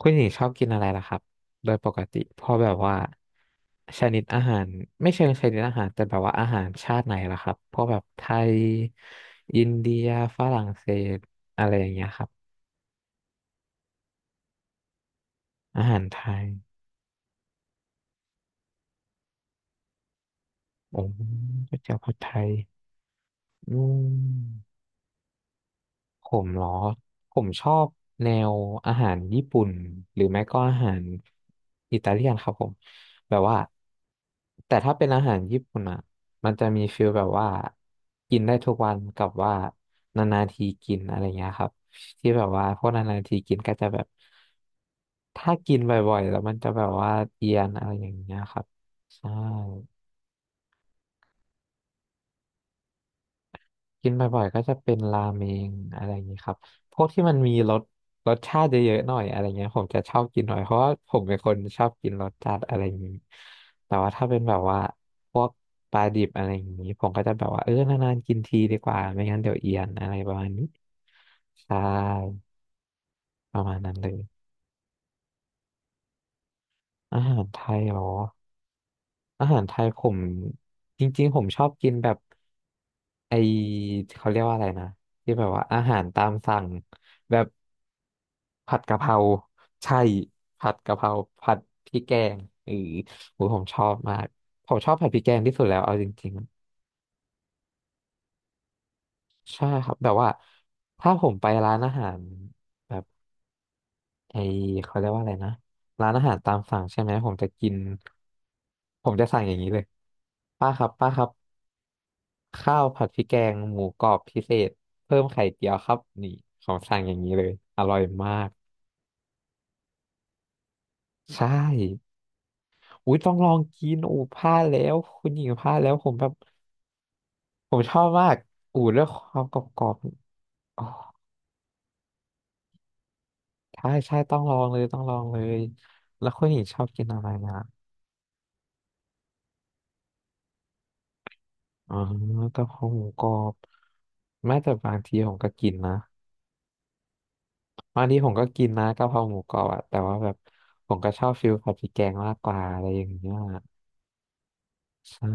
คุณหญิงชอบกินอะไรล่ะครับโดยปกติพอแบบว่าชนิดอาหารไม่เชิงชนิดอาหารแต่แบบว่าอาหารชาติไหนล่ะครับพวกแบบไทยอินเดียฝรั่งเศสอะไรอย่างเงี้ยครับอาหารไทยโอ้ก๋วยเตี๋ยวผัดไทยอืม ผมเหรอผมชอบแนวอาหารญี่ปุ่นหรือไม่ก็อาหารอิตาเลียนครับผมแบบว่าแต่ถ้าเป็นอาหารญี่ปุ่นอ่ะมันจะมีฟีลแบบว่ากินได้ทุกวันกับว่านานๆทีกินอะไรเงี้ยครับที่แบบว่าพวกนานๆทีกินก็จะแบบถ้ากินบ่อยๆแล้วมันจะแบบว่าเอียนอะไรอย่างเงี้ยครับใช่ กินบ่อยๆก็จะเป็นราเมงอะไรอย่างนี้ครับพวกที่มันมีรสชาติเยอะๆหน่อยอะไรเงี้ยผมจะชอบกินหน่อยเพราะว่าผมเป็นคนชอบกินรสจัดอะไรอย่างนี้แต่ว่าถ้าเป็นแบบว่าพวกปลาดิบอะไรอย่างนี้ผมก็จะแบบว่าเออนานๆกินทีดีกว่าไม่งั้นเดี๋ยวเอียนอะไรประมาณนี้ใช่ประมาณนั้นเลยอาหารไทยเหรอ อาหารไทยผมจริงๆผมชอบกินแบบไอเขาเรียกว่าอะไรนะที่แบบว่าอาหารตามสั่งแบบผัดกะเพราใช่ผัดกะเพราผัดพริกแกงเออโหผมชอบมากผมชอบผัดพริกแกงที่สุดแล้วเอาจริงๆใช่ครับแบบว่าถ้าผมไปร้านอาหารแบบไอเขาเรียกว่าอะไรนะร้านอาหารตามสั่งใช่ไหมผมจะกินผมจะสั่งอย่างนี้เลยป้าครับ ข้าวผัดพริกแกงหมูกรอบพิเศษเพิ่มไข่เจียวครับนี่ของสั่งอย่างนี้เลยอร่อยมากใช่อุ้ยต้องลองกินอูพลาดแล้วคุณหญิงพลาดแล้วผมแบบผมชอบมากอูเรื่องความกรอบๆอ๋อใช่ต้องลองเลยต้องลองเลยแล้วคุณหญิงชอบกินอะไรนะอ๋อกะเพราหมูกรอบแม้แต่บางทีผมก็กินนะบางทีผมก็กินนะกะเพราหมูกรอบอะแต่ว่าแบบผมก็ชอบฟิลผัดพริกแกงมากกว่าอะไรอย่างเงี้ยใช่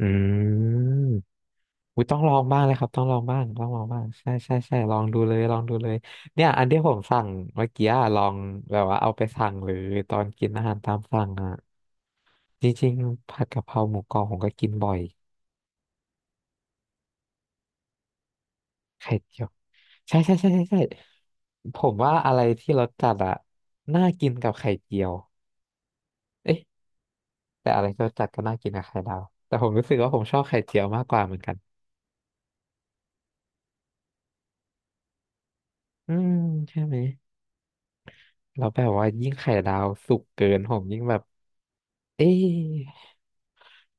อืมอุยต้องลองบ้างเลยครับ ต้องลองบ้างต้องลองบ้าง ใช่ลองดูเลย ลองดูเลย เนี่ย อันที่ผมสั่งเมื่อกี้อะลอง แบบว่าเอาไปสั่งหรือตอนกินอาหารตามสั่งอ่ะจริงๆผัดกะเพราหมูกรอบผมก็กินบ่อย ไข่เจียวใช่ผมว่าอะไรที่รสจัดอ่ะน่ากินกับไข่เจียวเอ๊ะแต่อะไรที่รสจัดก็น่ากินกับไข่ดาวแต่ผมรู้สึกว่าผมชอบไข่เจียวมากกว่าเหมือนกันอืมใช่ไหมแล้วแบบว่ายิ่งไข่ดาวสุกเกินผมยิ่งแบบ เอ๊ะ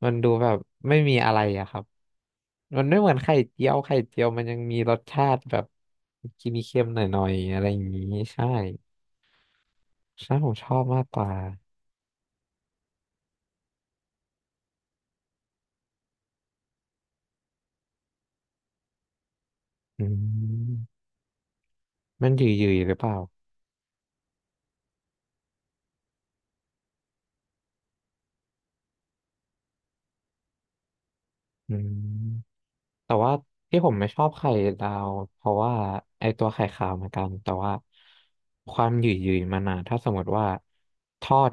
มันดูแบบไม่มีอะไรอะครับ มันไม่เหมือนไข่เจียวไข่เจียวมันยังมีรสชาติแบบกินเค็มหน่อยๆอะไรอย่างนี้ใช่ใช่ผมชอบมากกว่าอืมมันหยืดๆหรือเปล่าอืม แต่ว่าที่ผมไม่ชอบไข่ดาวเพราะว่าไอตัวไข่ขาวเหมือนกันแต่ว่าความหยืดๆมันอะถ้าสมมติว่าทอด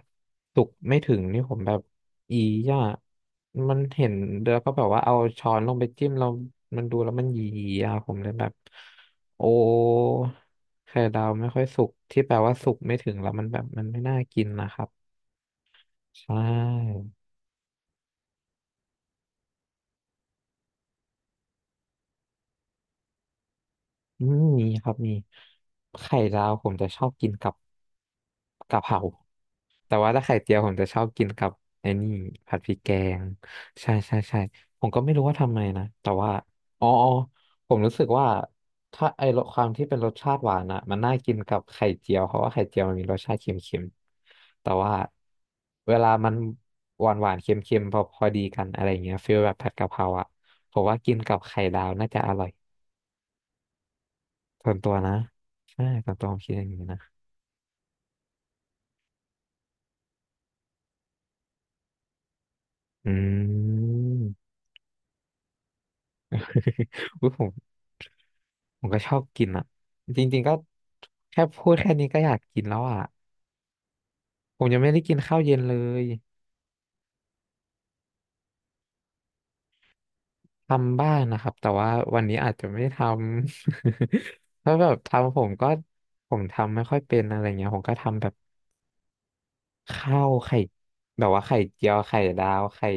สุกไม่ถึงนี่ผมแบบอีย่ามันเห็นแล้วก็แบบว่าเอาช้อนลงไปจิ้มเรามันดูแล้วมันหยีๆอะผมเลยแบบโอ้ไข่ดาวไม่ค่อยสุกที่แปลว่าสุกไม่ถึงแล้วมันแบบมันไม่น่ากินนะครับใช่อืมมีครับมีไข่ดาวผมจะชอบกินกับกะเพรา แต่ว่าถ้าไข่เจียวผมจะชอบกินกับไอ้นี่ผัดพริกแกงใช่ผมก็ไม่รู้ว่าทำไมนะแต่ว่าอ๋อผมรู้สึกว่าถ้าไอ้รสความที่เป็นรสชาติหวานอ่ะมันน่ากินกับไข่เจียวเพราะว่าไข่เจียวมันมีรสชาติเค็มๆแต่ว่าเวลามันหวานหวานเค็มๆพอดีกันอะไรอย่างเงี้ยฟีลแบบผัดกะเพราอ่ะผมว่ากินกับไข่ดาวน่าจะอร่อยส่วนตัวนะใช่ส่วนตัวผมคิดอย่างนี้นะอืม อุ๊ยผม ผมก็ชอบกินอ่ะจริงๆก็แค่พูดแค่นี้ก็อยากกินแล้วอ่ะผมยังไม่ได้กินข้าวเย็นเลยทำบ้างนะครับแต่ว่าวันนี้อาจจะไม่ได้ทำ เพราะแบบทำผมก็ผมทำไม่ค่อยเป็นอะไรเงี้ยผมก็ทำแบบ ข้าวไข่แบบว่าไข่เจียวไข่ดาวไข่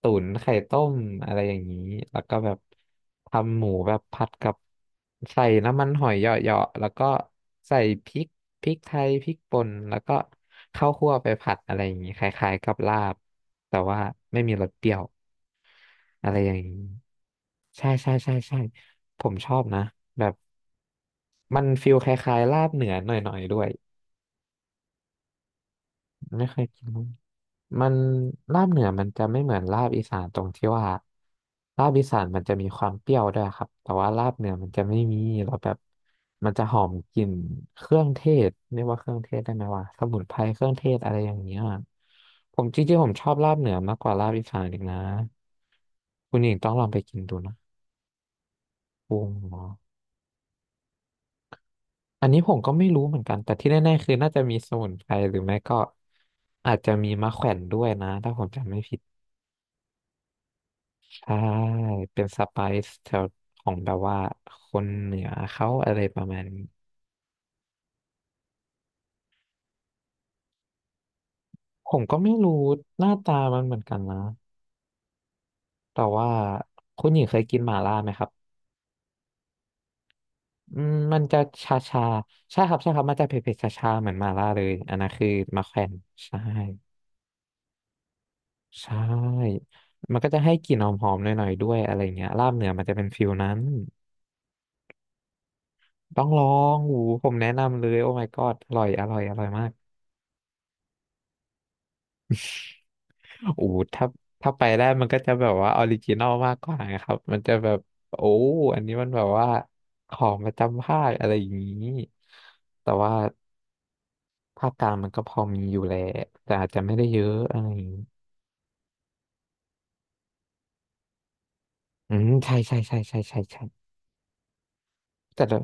ตุ๋นไข่ต้มอะไรอย่างนี้แล้วก็แบบทำหมูแบบผัดกับใส่น้ำมันหอยเหยาะๆแล้วก็ใส่พริกพริกไทยพริกป่นแล้วก็ข้าวคั่วไปผัดอะไรอย่างนี้คล้ายๆกับลาบแต่ว่าไม่มีรสเปรี้ยวอะไรอย่างนี้ใช่ใช่ใช่ใช่ผมชอบนะแบบมันฟิลคล้ายๆลาบเหนือหน่อยๆด้วยไม่เคยกิน มันลาบเหนือมันจะไม่เหมือนลาบอีสานตรงที่ว่าลาบอีสานมันจะมีความเปรี้ยวด้วยครับแต่ว่าลาบเหนือมันจะไม่มีเราแล้วแบบมันจะหอมกลิ่นเครื่องเทศเรียกว่าเครื่องเทศได้ไหมว่าสมุนไพรเครื่องเทศอะไรอย่างเงี้ยจริงๆผมชอบลาบเหนือมากกว่าลาบอีสานอีกนะคุณหญิงต้องลองไปกินดูนะปรุงเหรออันนี้ผมก็ไม่รู้เหมือนกันแต่ที่แน่ๆคือน่าจะมีสมุนไพรหรือไม่ก็อาจจะมีมะแขวนด้วยนะถ้าผมจำไม่ผิด ใช่เป็นสไปซ์แถวของแบบว่าคนเหนือเขาอะไรประมาณนี้ผมก็ไม่รู้หน้าตามันเหมือนกันนะแต่ว่าคุณหญิงเคยกินหม่าล่าไหมครับมันจะชาชาใช่ครับใช่ครับมันจะเผ็ดๆชาชาเหมือนหม่าล่าเลยอันนั้นคือมาแขวนใช่ใช่มันก็จะให้กลิ่นหอมๆหน่อยๆด้วยอะไรเงี้ยลาบเหนือมันจะเป็นฟิลนั้นต้องลองหูผมแนะนำเลยโอ้ my god อร่อยอร่อยอร่อยมาก โอ้ถ้าไปได้มันก็จะแบบว่าออริจินอลมากกว่านครับมันจะแบบโอ้อันนี้มันแบบว่าของประจำภาคอะไรอย่างนี้แต่ว่าภาคกลางมันก็พอมีอยู่แหละแต่อาจจะไม่ได้เยอะอะไรอย่างนี้ใช่ใช่ใช่ใช่ใช่ใช่แต่ละ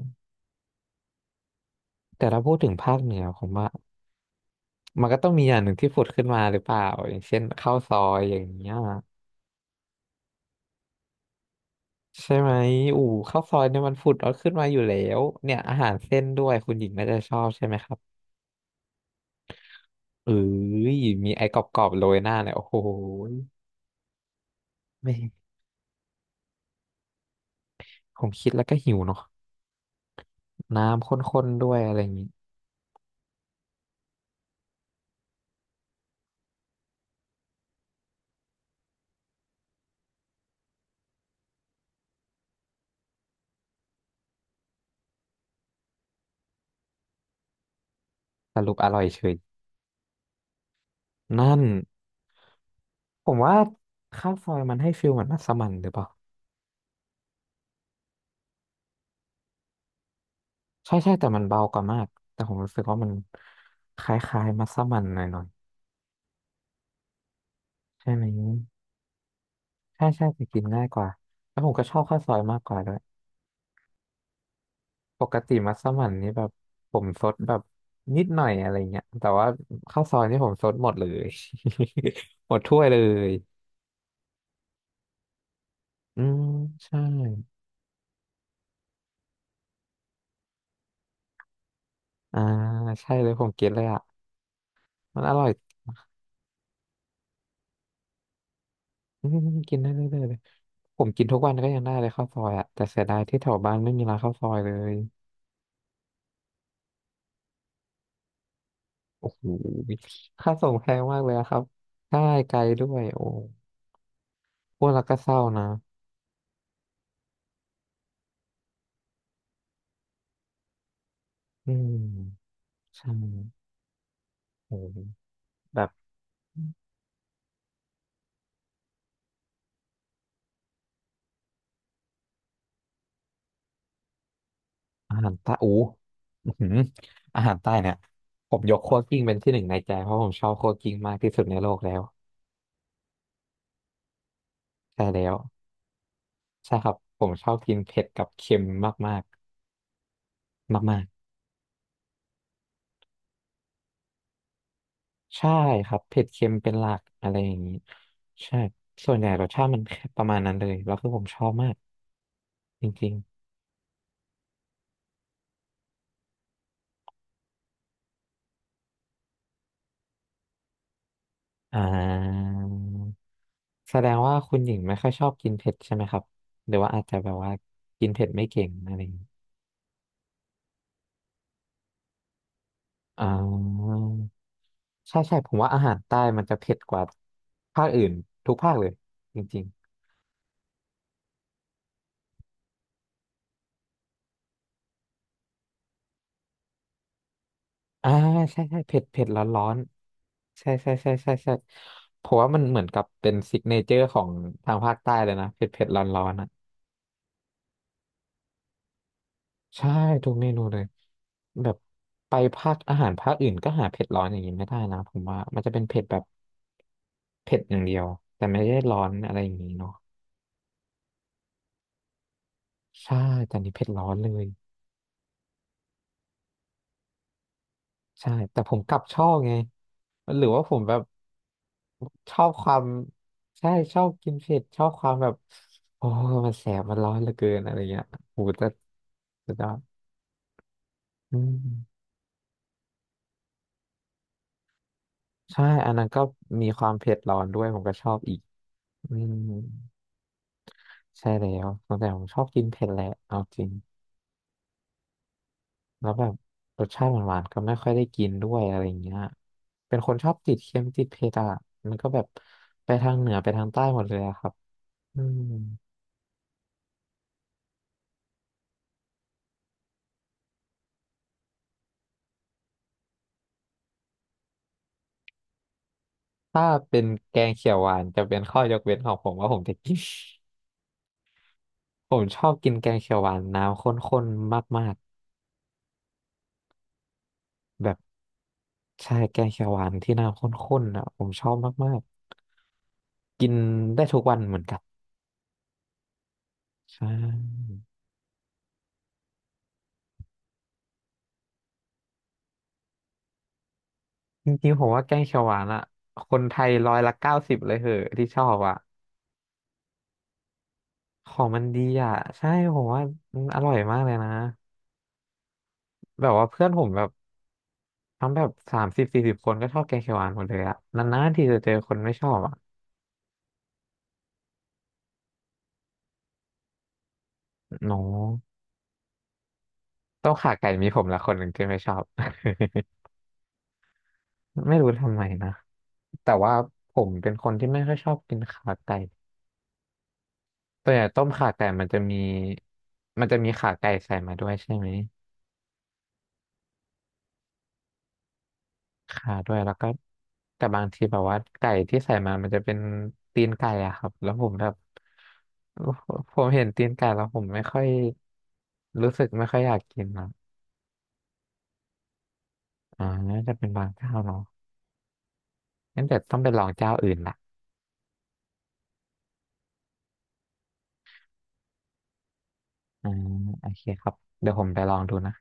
แต่ถ้าพูดถึงภาคเหนือผมว่ามันก็ต้องมีอย่างหนึ่งที่ผุดขึ้นมาหรือเปล่าอย่างเช่นข้าวซอยอย่างเงี้ยใช่ไหมอู๋ข้าวซอยเนี่ยมันผุดเอาขึ้นมาอยู่แล้วเนี่ยอาหารเส้นด้วยคุณหญิงน่าจะชอบใช่ไหมครับ เอ้ยมีไอ้กรอบๆโรยหน้าเนี่ยโอ้โหไม่ผมคิดแล้วก็หิวเนาะน้ำข้นๆด้วยอะไรอย่างนี้สรุปอร่อยเฉยนั่นผมว่าข้าวซอยมันให้ฟิลเหมือนมัสมั่นหรือเปล่าใช่ใช่แต่มันเบากว่ามากแต่ผมรู้สึกว่ามันคล้ายๆมัสมั่นหน่อยๆใช่ไหมใช่ใช่แต่กินง่ายกว่าแล้วผมก็ชอบข้าวซอยมากกว่าด้วย ปกติมัสมั่นนี่แบบผมซดแบบนิดหน่อยอะไรเงี้ยแต่ว่าข้าวซอยนี่ผมซดหมดเลย หมดถ้วยเลยอืมใช่อ่าใช่เลยผมกินเลยอ่ะมันอร่อยอืมกินได้เรื่อยๆเลยผมกินทุกวันก็ยังได้เลยข้าวซอยอ่ะแต่เสียดายที่แถวบ้านไม่มีร้านข้าวซอยเลยโอ้โหค่าส่งแพงมากเลยอะครับใช่ไกลด้วยโอ้พูดแล้วก็เศร้านะอืมใช่โอ้แบบ อาหารใต้อู้อื้อหืออาหารใต้เนี่ยผมยกคั่วกลิ้งเป็นที่หนึ่งในใจเพราะผมชอบคั่วกลิ้งมากที่สุดในโลกแล้วใช่แล้วใช่ครับผมชอบกินเผ็ดกับเค็มมากมากมากมากๆใช่ครับเผ็ดเค็มเป็นหลักอะไรอย่างนี้ใช่ส่วนใหญ่รสชาติมันแค่ประมาณนั้นเลยแล้วคือผมชอบมากจริงๆแสดงว่าคุณหญิงไม่ค่อยชอบกินเผ็ดใช่ไหมครับหรือว่าอาจจะแบบว่ากินเผ็ดไม่เก่งอะไรอย่างนี้อ่า ใช่ใช่ผมว่าอาหารใต้มันจะเผ็ดกว่าภาคอื่นทุกภาคเลยจริงๆใช่ใช่เผ็ดเผ็ดร้อนร้อนใช่ใช่ใช่ใช่ใช่เพราะว่ามันเหมือนกับเป็นซิกเนเจอร์ของทางภาคใต้เลยนะเผ็ดเผ็ดร้อนร้อนอ่ะใช่ทุกเมนูเลยแบบไปภาคอาหารภาคอื่นก็หาเผ็ดร้อนอย่างนี้ไม่ได้นะผมว่ามันจะเป็นเผ็ดแบบเผ็ดอย่างเดียวแต่ไม่ได้ร้อนอะไรอย่างนี้เนาะใช่แต่อันนี้เผ็ดร้อนเลย ใช่แต่ผมกลับชอบไงหรือว่าผมแบบชอบความใช่ชอบกินเผ็ดชอบความแบบโอ้มันแสบมันร้อนเหลือเกินอะไรเงี้ยโหแต่สุดยอดอืมใช่อันนั้นก็มีความเผ็ดร้อนด้วยผมก็ชอบอีกอืมใช่แล้วตั้งแต่ผมชอบกินเผ็ดแหละเอาจริงแล้วแบบรสชาติหวานๆก็ไม่ค่อยได้กินด้วยอะไรเงี้ยเป็นคนชอบติดเค็มติดเผ็ดอ่ะมันก็แบบไปทางเหนือไปทางใต้หมดเลยอะครับอืม ถ้าเป็นแกงเขียวหวานจะเป็นข้อยกเว้นของผมว่าผมจะกิน ผมชอบกินแกงเขียวหวานน้ำข้นๆมากๆแบบใช่แกงเขียวหวานที่น้ำข้นๆอ่ะผมชอบมากๆกินได้ทุกวันเหมือนกันใช่จริงๆผมว่าแกงเขียวหวานอ่ะคนไทยร้อยละเก้าสิบเลยเหอะที่ชอบอ่ะของมันดีอ่ะใช่ผมว่ามันอร่อยมากเลยนะแบบว่าเพื่อนผมแบบทั้งแบบ30-40คนก็ชอบแกงเขียวหวานหมดเลยอ่ะนานๆที่จะเจอคนไม่ชอบอ่ะเนาะ ต้มข่าไก่มีผมละคนหนึ่งที่ไม่ชอบ ไม่รู้ทำไมนะแต่ว่าผมเป็นคนที่ไม่ค่อยชอบกินขาไก่ตัวอย่างต้มขาไก่มันจะมีขาไก่ใส่มาด้วยใช่ไหม ขาด้วยแล้วก็แต่บางทีแบบว่าไก่ที่ใส่มามันจะเป็นตีนไก่อะครับแล้วผมแบบผมเห็นตีนไก่แล้วผมไม่ค่อยรู้สึกไม่ค่อยอยากกินนะอ่าน่าจะเป็นบางเจ้าเนาะงั้นเดี๋ยวต้องไปลองเจ้าอื่นละอ่าโอเคครับเดี๋ยวผมไปลองดูนะ